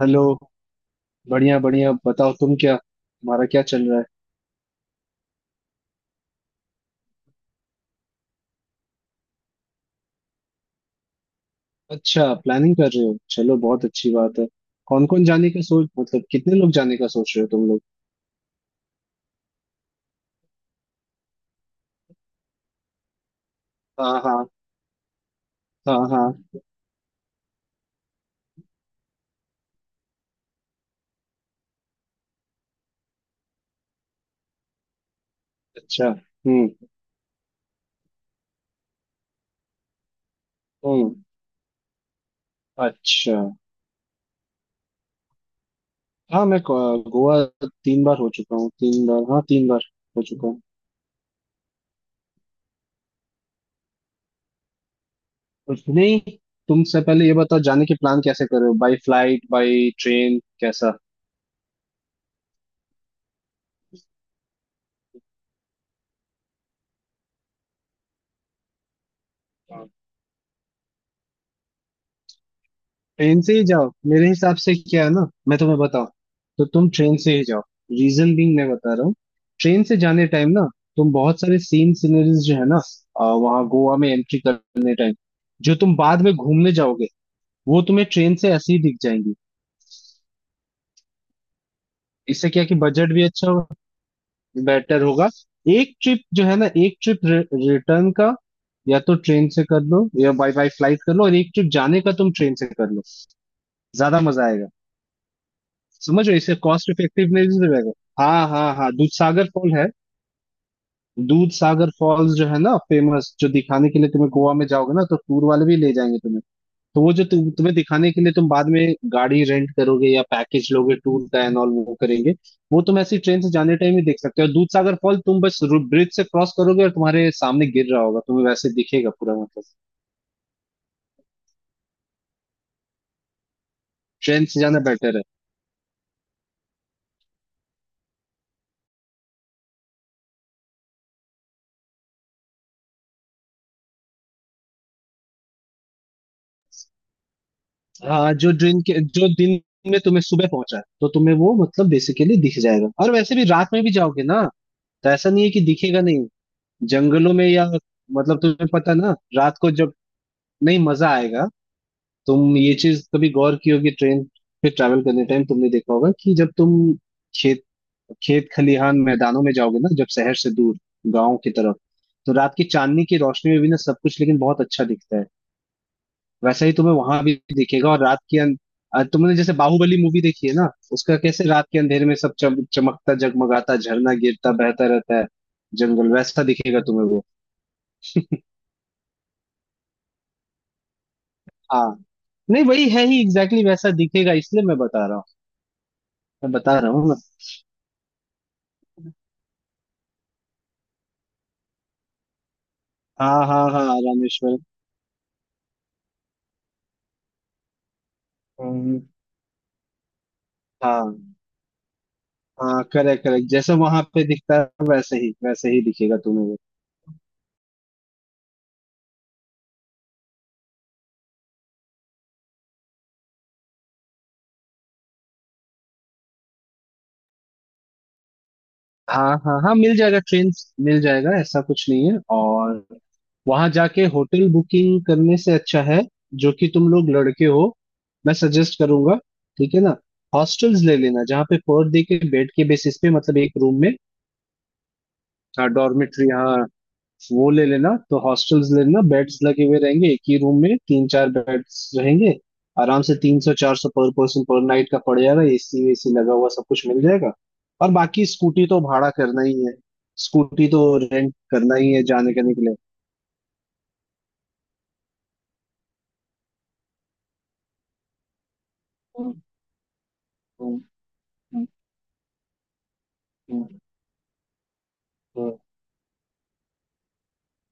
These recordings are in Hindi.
हेलो। बढ़िया बढ़िया, बताओ तुम क्या, तुम्हारा क्या चल रहा है। अच्छा, प्लानिंग कर रहे हो, चलो बहुत अच्छी बात है। कौन कौन जाने का सोच, मतलब कितने लोग जाने का सोच रहे हो तुम लोग। हाँ, हाँ। हाँ, हाँ। अच्छा। हम्म। हम्म। अच्छा। हाँ, मैं गोवा तीन बार हो चुका हूँ, तीन बार, हाँ तीन बार हो चुका हूँ। कुछ नहीं, तुमसे पहले ये बताओ जाने के प्लान कैसे कर रहे हो, बाई फ्लाइट बाई ट्रेन, कैसा। ट्रेन से ही जाओ, मेरे हिसाब से क्या है ना, मैं तुम्हें बताऊं, तो तुम ट्रेन से ही जाओ। रीजन बीइंग, मैं बता रहा हूँ, ट्रेन से जाने टाइम ना, तुम बहुत सारे सीन, सीनरीज जो है ना, वहाँ गोवा में एंट्री करने टाइम जो तुम बाद में घूमने जाओगे, वो तुम्हें ट्रेन से ऐसे ही दिख जाएंगी। इससे क्या है कि बजट भी अच्छा होगा, बेटर होगा। एक ट्रिप जो है ना, एक ट्रिप रिटर्न का या तो ट्रेन से कर लो या बाई बाई फ्लाइट कर लो, और एक ट्रिप जाने का तुम ट्रेन से कर लो, ज्यादा मजा आएगा। समझ रहे हो, इससे कॉस्ट इफेक्टिवनेस भी रहेगा। हाँ हाँ हाँ, दूध सागर फॉल है। दूध सागर फॉल्स जो है ना फेमस, जो दिखाने के लिए तुम्हें गोवा में जाओगे ना तो टूर वाले भी ले जाएंगे तुम्हें। तो वो जो तुम्हें दिखाने के लिए तुम बाद में गाड़ी रेंट करोगे या पैकेज लोगे टूर का एंड ऑल वो करेंगे। वो तुम ऐसी ट्रेन से जाने टाइम ही देख सकते हो। दूध सागर फॉल तुम बस ब्रिज से क्रॉस करोगे और तुम्हारे सामने गिर रहा होगा, तुम्हें वैसे दिखेगा पूरा मतलब। ट्रेन से जाना बेटर है। हाँ, जो दिन के, जो दिन में तुम्हें सुबह पहुंचा है तो तुम्हें वो मतलब बेसिकली दिख जाएगा, और वैसे भी रात में भी जाओगे ना, तो ऐसा नहीं है कि दिखेगा नहीं। जंगलों में या, मतलब तुम्हें पता ना रात को जब, नहीं मजा आएगा। तुम ये चीज कभी गौर की होगी, ट्रेन पे ट्रैवल करने टाइम तुमने देखा होगा कि जब तुम खेत, खेत खलिहान मैदानों में जाओगे ना, जब शहर से दूर गांव की तरफ, तो रात की चांदनी की रोशनी में भी ना सब कुछ लेकिन बहुत अच्छा दिखता है। वैसा ही तुम्हें वहां भी दिखेगा। और रात के तुमने जैसे बाहुबली मूवी देखी है ना, उसका कैसे रात के अंधेरे में सब चमकता जगमगाता झरना गिरता बहता रहता है, जंगल वैसा दिखेगा तुम्हें वो। हाँ, नहीं वही है ही, एग्जैक्टली exactly वैसा दिखेगा, इसलिए मैं बता रहा हूँ। मैं बता रहा हूँ ना। हाँ हाँ हाँ, रामेश्वर। हम्म। हाँ हाँ, करेक्ट करेक्ट, जैसे वहां पे दिखता है वैसे ही दिखेगा तुम्हें वो। हाँ हाँ हाँ, मिल जाएगा ट्रेन, मिल जाएगा, ऐसा कुछ नहीं है। और वहां जाके होटल बुकिंग करने से अच्छा है, जो कि तुम लोग लड़के हो, मैं सजेस्ट करूंगा, ठीक है ना, हॉस्टल्स ले लेना जहाँ पे पर डे के बेड के बेसिस पे, मतलब एक रूम में। हाँ डॉर्मेट्री, हाँ वो ले लेना। तो हॉस्टल्स ले लेना, बेड्स लगे हुए रहेंगे एक ही रूम में, तीन चार बेड्स रहेंगे। आराम से 300-400 पर पर्सन पर नाइट का पड़ जाएगा, एसी वेसी लगा हुआ सब कुछ मिल जाएगा। और बाकी स्कूटी तो भाड़ा करना ही है, स्कूटी तो रेंट करना ही है जाने करने के लिए। हम्म। हम्म। हम्म। हम्म।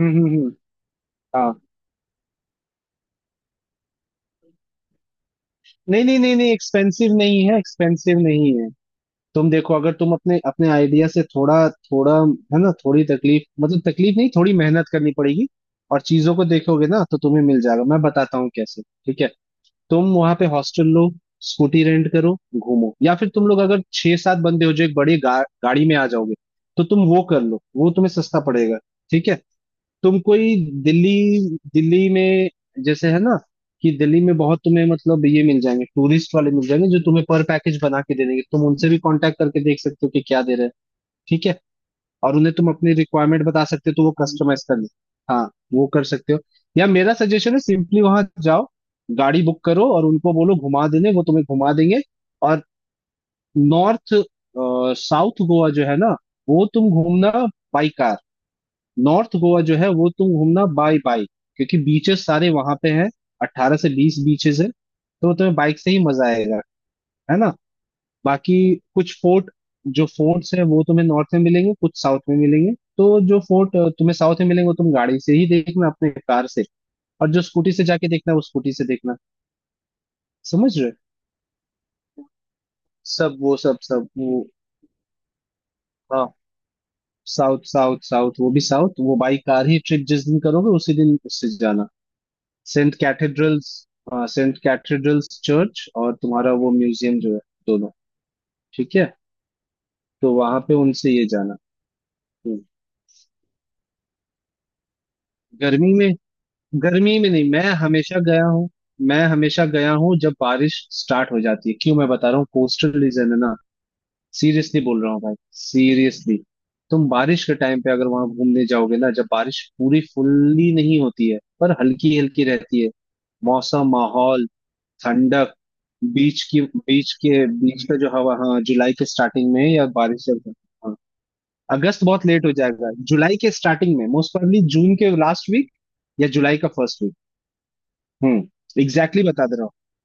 हम्म। हम्म। हाँ। नहीं नहीं नहीं नहीं, एक्सपेंसिव नहीं है, एक्सपेंसिव नहीं है। तुम देखो, अगर तुम अपने अपने आइडिया से थोड़ा थोड़ा, है ना, थोड़ी तकलीफ, मतलब तकलीफ नहीं, थोड़ी मेहनत करनी पड़ेगी और चीजों को देखोगे ना तो तुम्हें मिल जाएगा, मैं बताता हूँ कैसे, ठीक है। तुम वहां पे हॉस्टल लो, स्कूटी रेंट करो, घूमो। या फिर तुम लोग अगर छह सात बंदे हो जो एक बड़ी गाड़ी में आ जाओगे तो तुम वो कर लो, वो तुम्हें सस्ता पड़ेगा, ठीक है। तुम कोई दिल्ली, दिल्ली में जैसे है ना, कि दिल्ली में बहुत तुम्हें मतलब ये मिल जाएंगे, टूरिस्ट वाले मिल जाएंगे जो तुम्हें पर पैकेज बना के दे देंगे, तुम उनसे भी कांटेक्ट करके देख सकते हो कि क्या दे रहे हैं, ठीक है। और उन्हें तुम अपनी रिक्वायरमेंट बता सकते हो तो वो कस्टमाइज कर ले। हाँ वो कर सकते हो। या मेरा सजेशन है, सिंपली वहां जाओ, गाड़ी बुक करो और उनको बोलो घुमा देने, वो तुम्हें घुमा देंगे। और नॉर्थ साउथ गोवा जो है ना, वो तुम घूमना बाई, नॉर्थ गोवा जो है वो तुम घूमना बाय बाय, क्योंकि बीचेस सारे वहां पे हैं, 18 से 20 बीचेस है, तो तुम्हें बाइक से ही मजा आएगा, है ना। बाकी कुछ फोर्ट, जो फोर्ट्स हैं वो तुम्हें नॉर्थ में मिलेंगे, कुछ साउथ में मिलेंगे। तो जो फोर्ट तुम्हें साउथ में मिलेंगे वो तुम गाड़ी से ही देखना, अपने कार से, और जो स्कूटी से जाके देखना है वो स्कूटी से देखना, समझ रहे हो? सब वो सब, सब वो, हाँ, साउथ साउथ साउथ, वो भी साउथ, वो बाई कार ही ट्रिप जिस दिन करोगे उसी दिन उससे जाना। सेंट कैथेड्रल्स, हाँ सेंट कैथेड्रल्स चर्च, और तुम्हारा वो म्यूजियम जो है, दोनों, ठीक है। तो वहां पे उनसे ये जाना। हम्म। गर्मी में, गर्मी में नहीं, मैं हमेशा गया हूँ, मैं हमेशा गया हूँ जब बारिश स्टार्ट हो जाती है, क्यों मैं बता रहा हूँ, कोस्टल रीजन है ना, सीरियसली बोल रहा हूँ भाई, सीरियसली। तुम बारिश के टाइम पे अगर वहां घूमने जाओगे ना, जब बारिश पूरी फुल्ली नहीं होती है पर हल्की हल्की रहती है, मौसम माहौल ठंडक, बीच की, बीच के, बीच का जो हवा, हाँ। जुलाई के स्टार्टिंग में या बारिश जब, हाँ। अगस्त बहुत लेट हो जाएगा, जुलाई के स्टार्टिंग में मोस्ट प्रोबेबली जून के लास्ट वीक या जुलाई का फर्स्ट वीक। हम्म। एग्जैक्टली exactly बता दे रहा हूँ,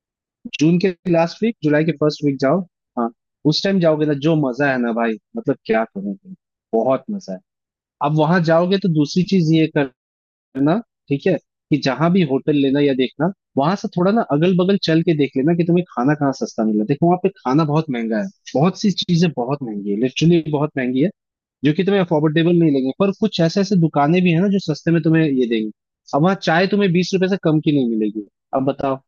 जून के लास्ट वीक जुलाई के फर्स्ट वीक जाओ। हाँ, उस टाइम जाओगे ना, जो मजा है ना भाई, मतलब क्या करोगे, बहुत मजा है। अब वहां जाओगे तो दूसरी चीज ये कर करना, ठीक है, कि जहां भी होटल लेना या देखना, वहां से थोड़ा ना अगल बगल चल के देख लेना कि तुम्हें खाना कहाँ सस्ता मिला। देखो, वहां पे खाना बहुत महंगा है, बहुत सी चीजें बहुत महंगी है, लिटरली बहुत महंगी है, जो कि तुम्हें अफोर्डेबल नहीं लगेंगे, पर कुछ ऐसे ऐसे दुकानें भी है ना जो सस्ते में तुम्हें ये देंगी। अब वहाँ चाय तुम्हें 20 रुपए से कम की नहीं मिलेगी, अब बताओ।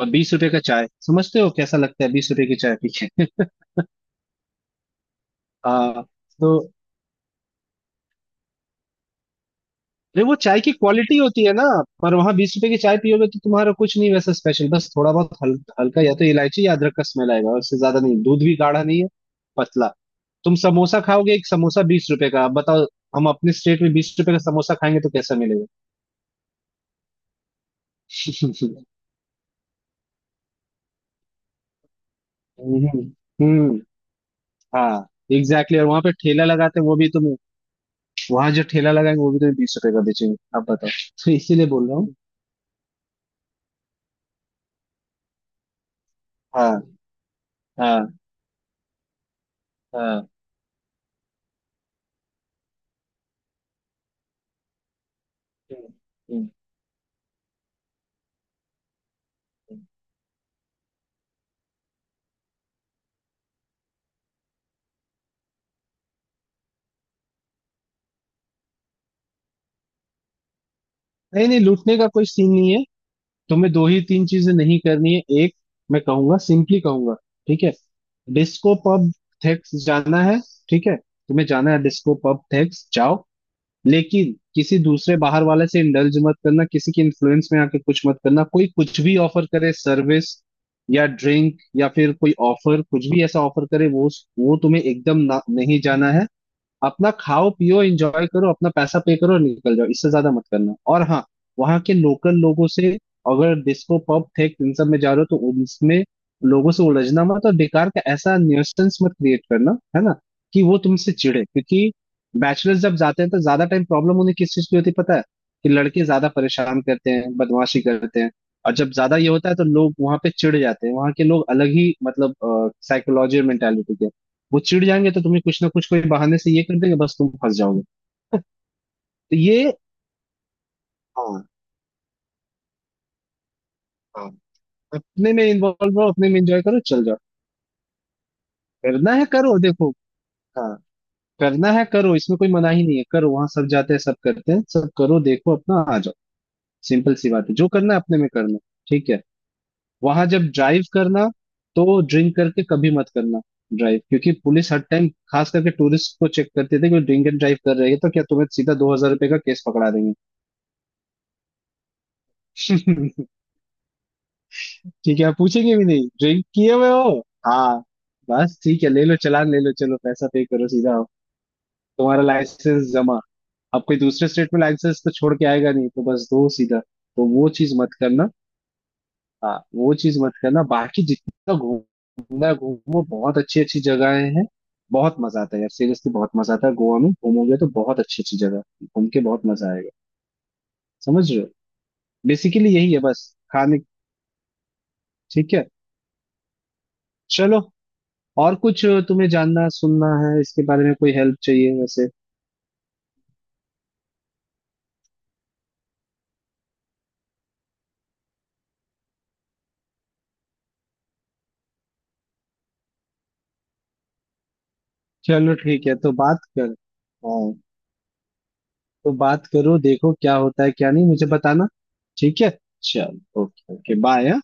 और 20 रुपए का चाय, समझते हो कैसा लगता है 20 रुपए की चाय पी के। तो नहीं, वो चाय की क्वालिटी होती है ना, पर वहां 20 रुपए की चाय पियोगे तो तुम्हारा कुछ नहीं वैसा स्पेशल, बस थोड़ा बहुत हल्का या तो इलायची या अदरक का स्मेल आएगा, उससे ज्यादा नहीं। दूध भी गाढ़ा नहीं है, पतला। तुम समोसा खाओगे, एक समोसा 20 रुपए का, अब बताओ हम अपने स्टेट में 20 रुपए का समोसा खाएंगे तो कैसा मिलेगा। हम्म। हम्म। हाँ। एग्जैक्टली, और वहां पे ठेला लगाते हैं वो भी तुम, वहां जो ठेला लगाएंगे वो भी तुम्हें 20 रुपए का बेचेंगे, आप बताओ। तो इसीलिए बोल रहा हूँ। हाँ हाँ हाँ। हम्म। हम्म। नहीं नहीं, लूटने का कोई सीन नहीं है। तुम्हें दो ही तीन चीजें नहीं करनी है। एक, मैं कहूंगा, सिंपली कहूंगा, ठीक है, डिस्को पब थेक्स जाना है, ठीक है, तुम्हें जाना है, डिस्को पब थेक्स जाओ, लेकिन किसी दूसरे बाहर वाले से इंडल्ज मत करना, किसी के इन्फ्लुएंस में आके कुछ मत करना, कोई कुछ भी ऑफर करे, सर्विस या ड्रिंक, या फिर कोई ऑफर कुछ भी ऐसा ऑफर करे वो तुम्हें एकदम नहीं जाना है। अपना खाओ पियो एंजॉय करो, अपना पैसा पे करो और निकल जाओ, इससे ज्यादा मत करना। और हाँ, वहाँ के लोकल लोगों से, अगर डिस्को पब थे इन सब में जा रहे हो तो उनमें लोगों से उलझना मत, और बेकार का ऐसा न्यूसेंस मत क्रिएट करना, है ना, कि वो तुमसे चिढ़े। क्योंकि बैचलर्स जब जाते हैं तो ज्यादा टाइम प्रॉब्लम उन्हें किस चीज की होती है पता है, कि लड़के ज्यादा परेशान करते हैं बदमाशी करते हैं। और जब ज्यादा ये होता है तो लोग वहां पे चिढ़ जाते हैं, वहां के लोग अलग ही मतलब साइकोलॉजी और मेंटेलिटी के हैं। वो चिढ़ जाएंगे तो तुम्हें कुछ ना कुछ कोई बहाने से ये कर देंगे, बस तुम फंस जाओगे। तो ये, हाँ। हाँ। अपने में इन्वॉल्व रहो, अपने में एंजॉय करो, चल जाओ। करना है करो देखो, हाँ। करना है करो, इसमें कोई मनाही नहीं है, करो, वहां सब जाते हैं सब करते हैं, सब करो देखो, अपना आ जाओ। सिंपल सी बात है, जो करना है अपने में करना, ठीक है। वहां जब ड्राइव करना तो ड्रिंक करके कभी मत करना ड्राइव, क्योंकि पुलिस हर टाइम खास करके टूरिस्ट को चेक करते थे कि ड्रिंक एंड ड्राइव कर रहे हैं तो क्या, तुम्हें सीधा 2,000 रुपए का केस पकड़ा देंगे। ठीक है, पूछेंगे भी नहीं ड्रिंक किए हुए हो, हाँ बस, ठीक है, ले लो चालान, ले लो चलो, पैसा पे करो सीधा आओ। तुम्हारा लाइसेंस जमा, अब कोई दूसरे स्टेट में लाइसेंस तो छोड़ के आएगा नहीं तो बस दो सीधा। तो वो चीज मत करना, हाँ वो चीज मत करना। बाकी जितना घूमना है, घूमो, बहुत अच्छी अच्छी जगहें हैं, बहुत मजा आता है यार, सीरियसली, बहुत मजा आता है। गोवा में घूमोगे तो बहुत अच्छी अच्छी जगह है। घूम के बहुत मजा आएगा। समझ रहे हो, बेसिकली यही है बस। खाने, ठीक है, चलो। और कुछ तुम्हें जानना सुनना है इसके बारे में, कोई हेल्प चाहिए वैसे, चलो ठीक है तो बात कर, हाँ, तो बात करो, देखो क्या होता है क्या नहीं, मुझे बताना। ठीक है चलो, ओके ओके बाय।